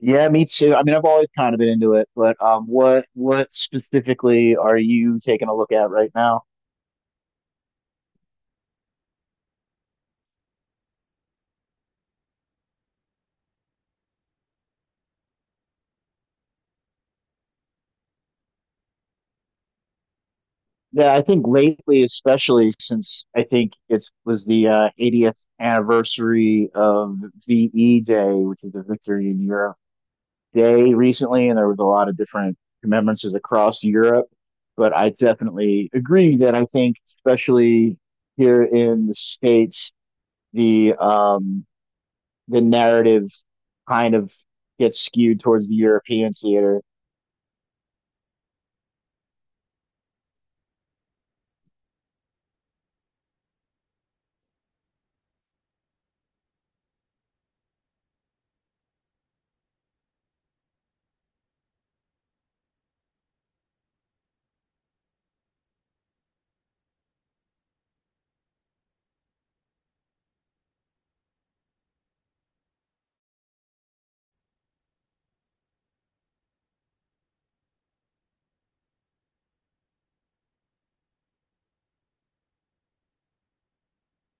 Yeah, me too. I mean, I've always kind of been into it, but what specifically are you taking a look at right now? Yeah, I think lately, especially since I think it was the 80th anniversary of VE Day, which is the Victory in Europe Day recently, and there was a lot of different commemorances across Europe. But I definitely agree that I think, especially here in the States, the um, the narrative kind of gets skewed towards the European theater.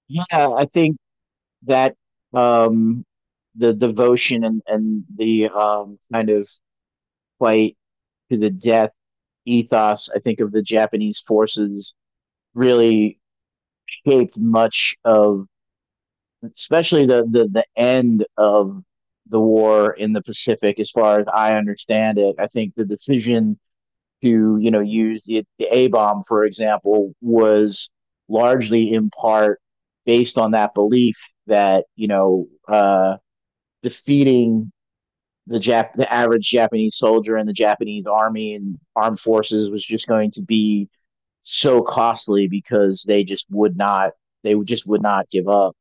Yeah, I think that um, the devotion and the kind of fight to the death ethos, I think, of the Japanese forces really shaped much of, especially the end of the war in the Pacific, as far as I understand it. I think the decision to you know use the A bomb, for example, was largely in part based on that belief that you know defeating the the average Japanese soldier and the Japanese army and armed forces was just going to be so costly because they just would not just would not give up.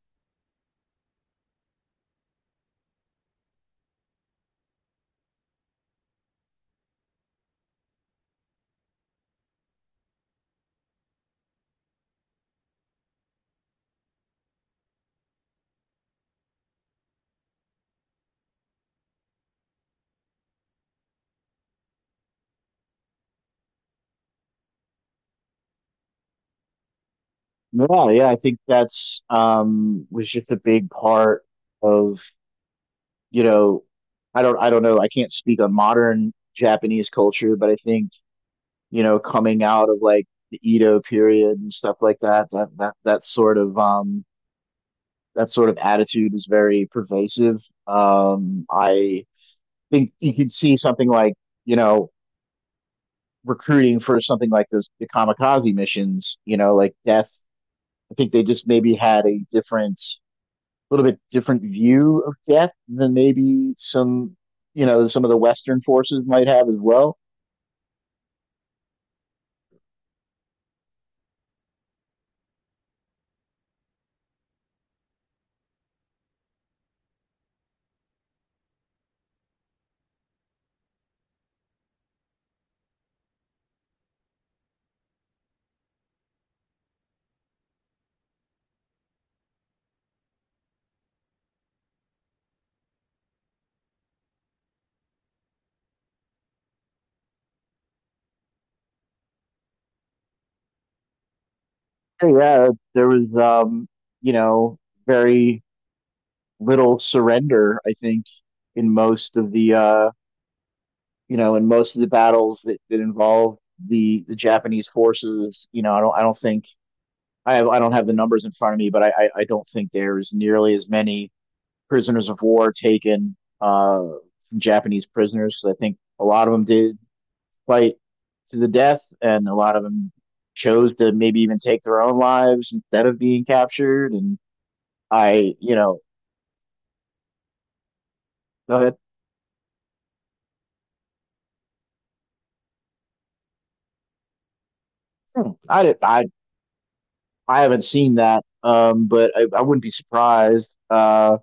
No, yeah, I think that's was just a big part of you know, I don't know, I can't speak on modern Japanese culture, but I think, you know, coming out of like the Edo period and stuff like that, that sort of that sort of attitude is very pervasive. I think you could see something like, you know, recruiting for something like those the kamikaze missions, you know, like death. I think they just maybe had a different little bit different view of death than maybe some, you know, some of the Western forces might have as well. So, yeah, there was, you know, very little surrender, I think, in most of the, you know, in most of the battles that involve the Japanese forces. You know, I don't think I have, I don't have the numbers in front of me, but I don't think there's nearly as many prisoners of war taken from Japanese prisoners. So I think a lot of them did fight to the death, and a lot of them chose to maybe even take their own lives instead of being captured. And I, you know, go ahead. Hmm, I did, I haven't seen that, but I wouldn't be surprised.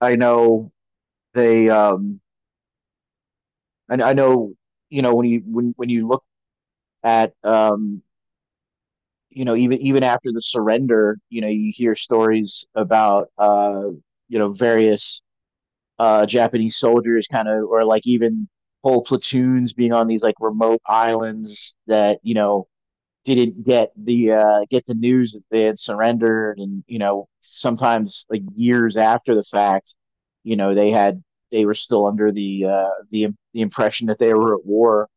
I know they, and I know you know when you when you look at you know even after the surrender, you know you hear stories about you know various Japanese soldiers kind of, or like even whole platoons being on these like remote islands that you know didn't get the news that they had surrendered, and you know sometimes like years after the fact, you know they had they were still under the the impression that they were at war.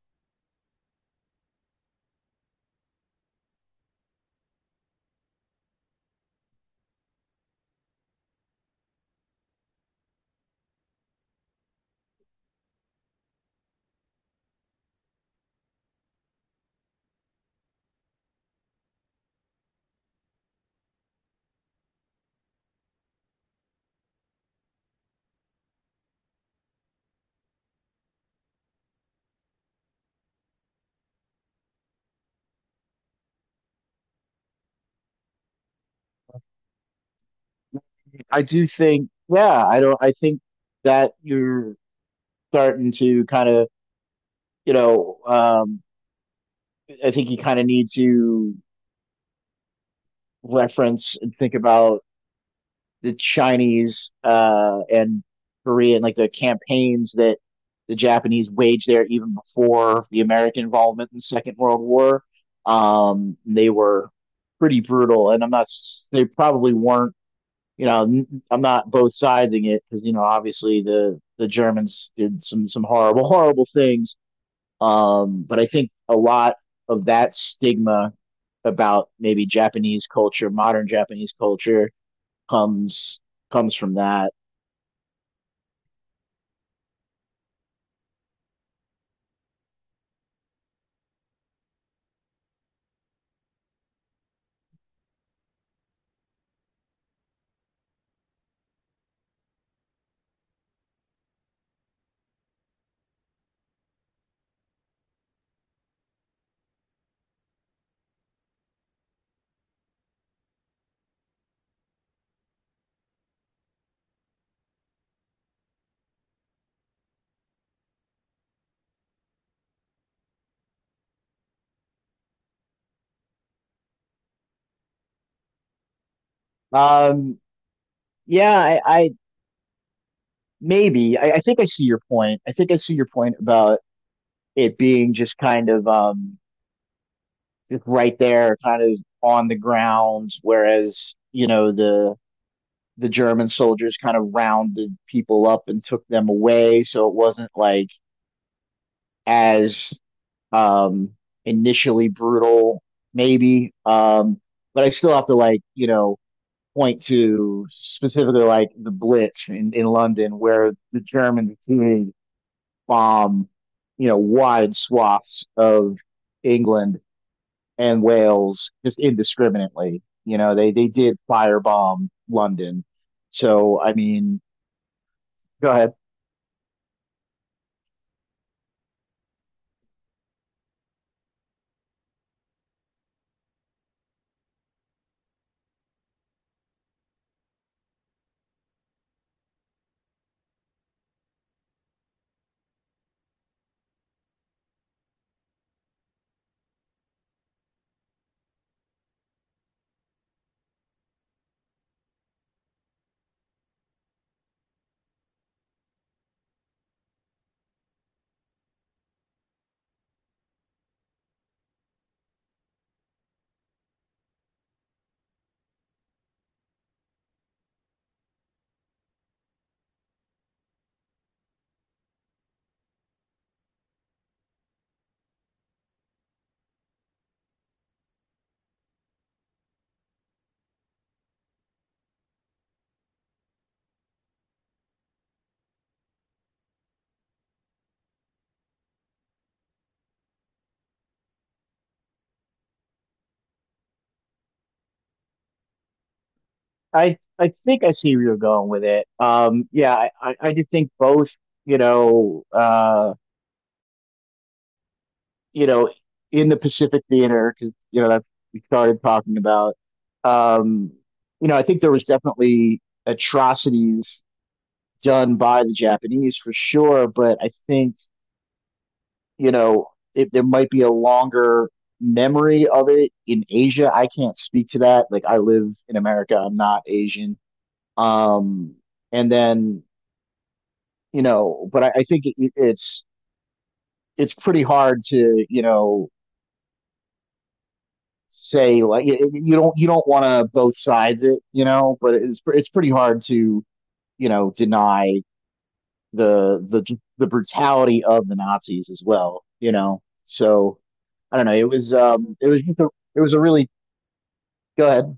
I do think, yeah, I don't. I think that you're starting to kind of, you know, I think you kind of need to reference and think about the Chinese and Korean, like the campaigns that the Japanese waged there even before the American involvement in the Second World War. They were pretty brutal, and I'm not. They probably weren't. You know, I'm not both siding it because you know, obviously the Germans did some horrible, horrible things. But I think a lot of that stigma about maybe Japanese culture, modern Japanese culture comes comes from that. Um, yeah, I think I see your point. I think I see your point about it being just kind of just right there, kind of on the ground, whereas you know the German soldiers kind of rounded people up and took them away, so it wasn't like as um initially brutal, maybe. But I still have to like you know point to specifically like the Blitz in London, where the Germans continued to bomb, you know, wide swaths of England and Wales just indiscriminately. You know, they did firebomb London. So I mean, go ahead. I think I see where you're going with it. Yeah, I do think both. You know, uh, you know, in the Pacific Theater, because you know that we started talking about. Um, you know, I think there was definitely atrocities done by the Japanese for sure, but I think you know it, there might be a longer memory of it in Asia. I can't speak to that. Like I live in America, I'm not Asian. Um, and then you know, but I think it's pretty hard to you know say like you, you don't want to both sides it, you know, but it's pretty hard to you know deny the the the brutality of the Nazis as well, you know. So I don't know. It was just a, it was a really go ahead.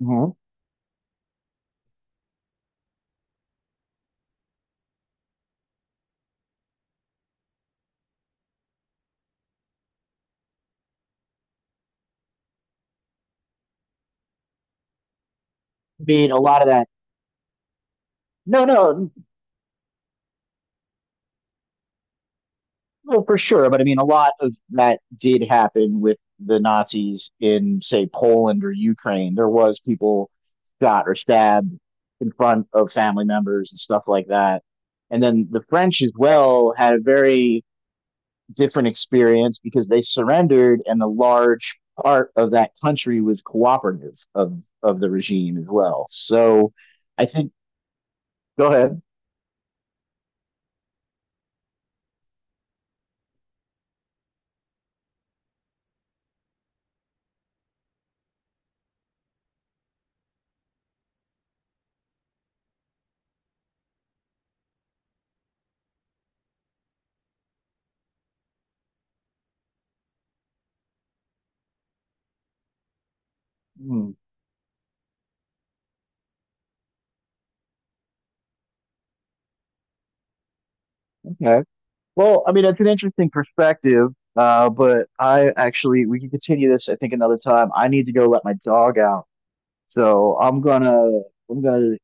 Mhm. I mean, a lot of that. No, no, Well, for sure, but I mean, a lot of that did happen with the Nazis in, say, Poland or Ukraine. There was people shot or stabbed in front of family members and stuff like that. And then the French as well had a very different experience because they surrendered, and a large part of that country was cooperative of the regime as well. So I think, go ahead. Hmm, okay. Well, I mean, it's an interesting perspective, but I actually, we can continue this, I think, another time. I need to go let my dog out. So I'm gonna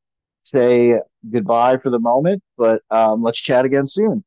say goodbye for the moment, but let's chat again soon.